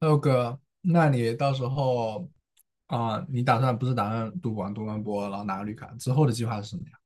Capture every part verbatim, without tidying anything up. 六哥，那你到时候啊、你打算不是打算读完读完博，然后拿个绿卡之后的计划是什么呀？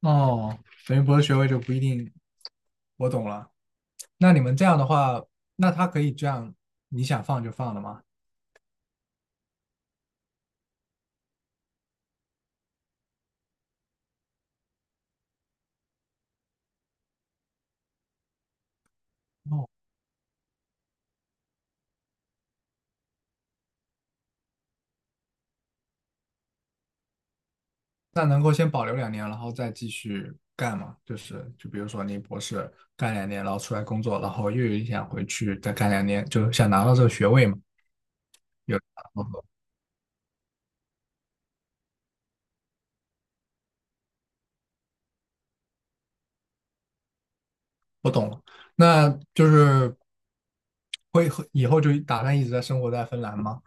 哦，等于博士学位就不一定。我懂了。那你们这样的话，那他可以这样，你想放就放了吗？那能够先保留两年，然后再继续干吗？就是就比如说你博士干两年，然后出来工作，然后又有一想回去再干两年，就想拿到这个学位嘛？有。我懂了，那就是会会以后就打算一直在生活在芬兰吗？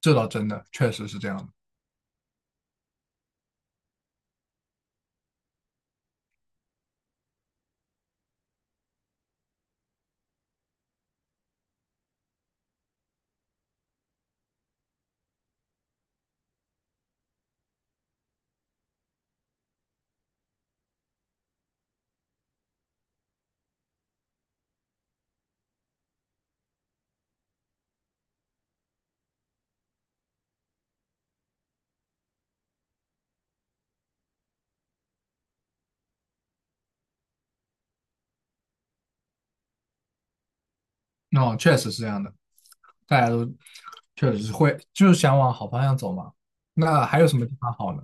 这倒真的确实是这样的，哦，确实是这样的，大家都确实是会就是想往好方向走嘛。那还有什么地方好呢？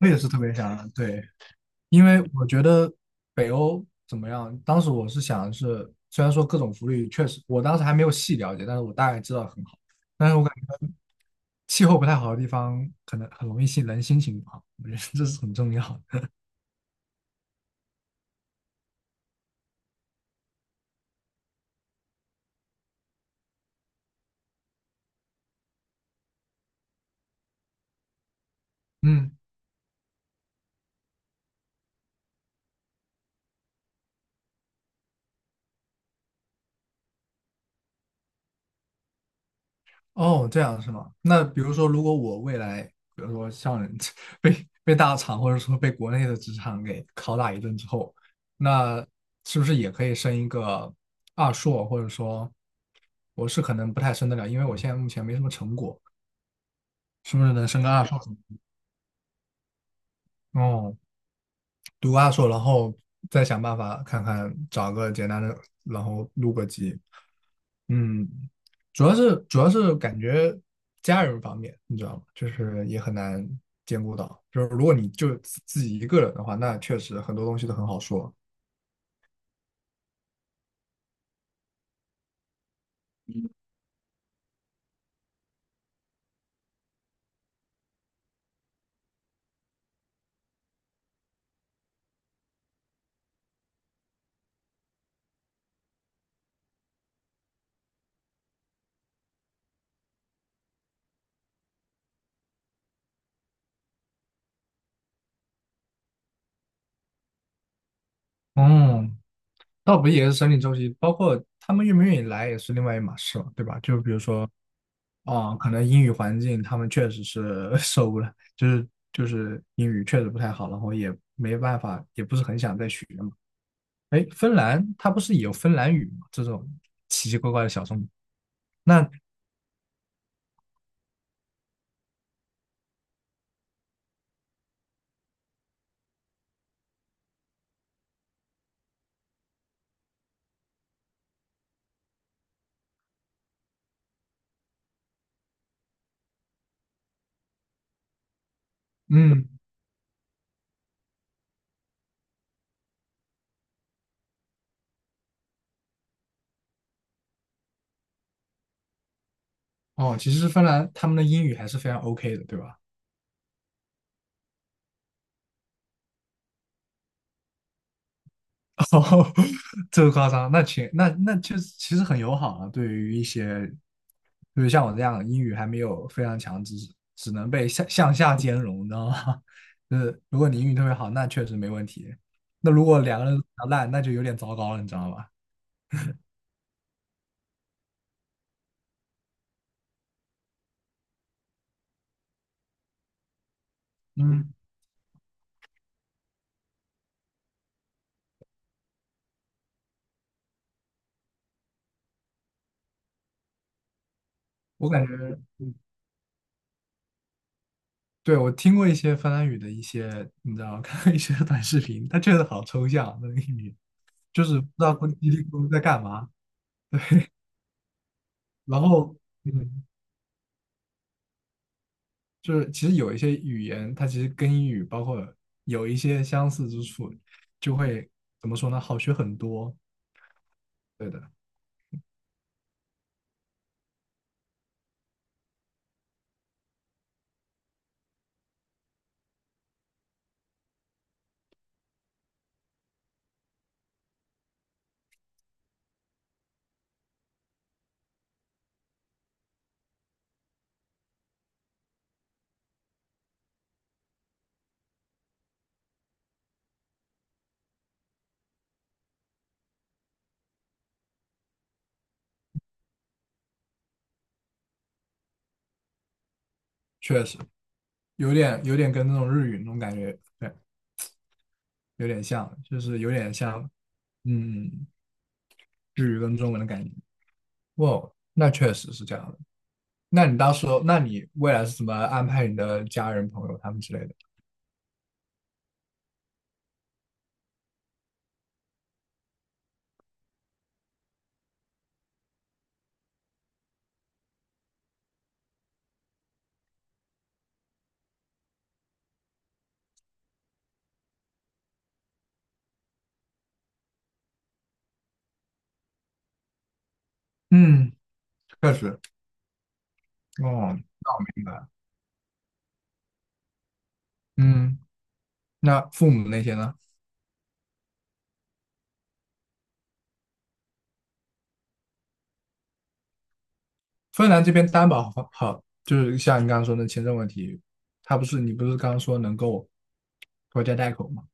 我也是特别想，对，因为我觉得北欧怎么样？当时我是想的是，虽然说各种福利确实，我当时还没有细了解，但是我大概知道很好。但是我感觉气候不太好的地方，可能很容易心人心情不好，我觉得这是很重要的。嗯，哦，这样是吗？那比如说，如果我未来，比如说像人 被被大厂或者说被国内的职场给拷打一顿之后，那是不是也可以升一个二硕？或者说，我是可能不太升得了，因为我现在目前没什么成果，是不是能升个二硕哦。读阿硕，然后再想办法看看找个简单的，然后录个集。嗯，主要是主要是感觉家人方面，你知道吗？就是也很难兼顾到。就是如果你就自自己一个人的话，那确实很多东西都很好说。嗯，倒不也是生理周期，包括他们愿不愿意来也是另外一码事嘛，对吧？就比如说。哦，可能英语环境他们确实是 受不了，就是就是英语确实不太好，然后也没办法，也不是很想再学嘛。哎，芬兰它不是也有芬兰语吗？这种奇奇怪怪的小众。那嗯，哦，其实芬兰他们的英语还是非常 OK 的，对吧？哦，这个夸张，那其那那就是其实很友好啊，对于一些，就是像我这样英语还没有非常强，只是只能被向向下兼容，你知道吗？就是如果你英语特别好，那确实没问题。那如果两个人都比较烂，那就有点糟糕了，你知道吧？嗯，我感觉，对，我听过一些芬兰语的一些，你知道，看过一些短视频，它确实好抽象，那个英语，就是不知道咕叽里咕噜在干嘛。然后，嗯就是其实有一些语言，它其实跟英语包括有一些相似之处，就会怎么说呢？好学很多。对的，确实有点有点跟那种日语那种感觉，对，有点像，就是有点像，嗯，日语跟中文的感觉。哦，那确实是这样的。那你到时候，那你未来是怎么安排你的家人、朋友他们之类的？嗯，确实。哦，那我明白了。嗯，那父母那些呢？芬兰这边担保好，好，就是像你刚刚说的签证问题，他不是你不是刚刚说能够拖家带口吗？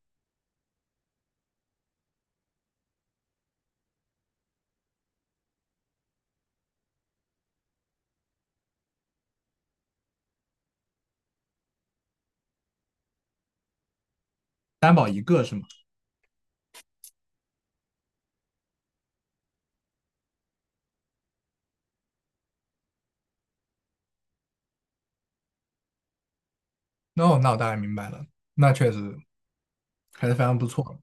担保一个是吗？那那我大概明白了，那确实还是非常不错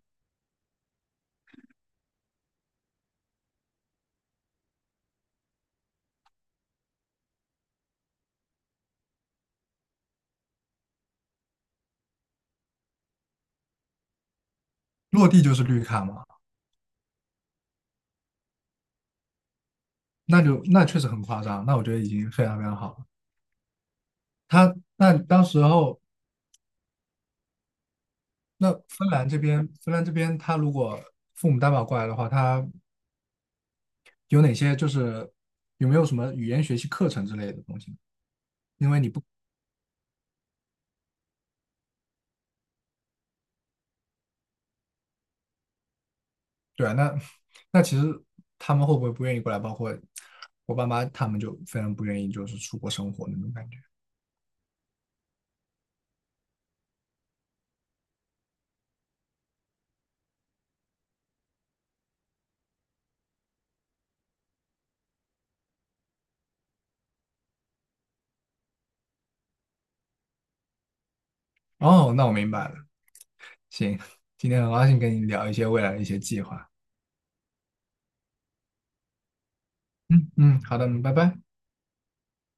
落地就是绿卡嘛，那就那确实很夸张，那我觉得已经非常非常好了。他那当时候那芬兰这边，芬兰这边，他如果父母担保过来的话，他有哪些就是有没有什么语言学习课程之类的东西呢？对啊，那那其实他们会不会不愿意过来？包括我爸妈他们就非常不愿意，就是出国生活那种感觉。哦，那我明白了。行，今天很高兴跟你聊一些未来的一些计划。嗯，好的，嗯拜拜。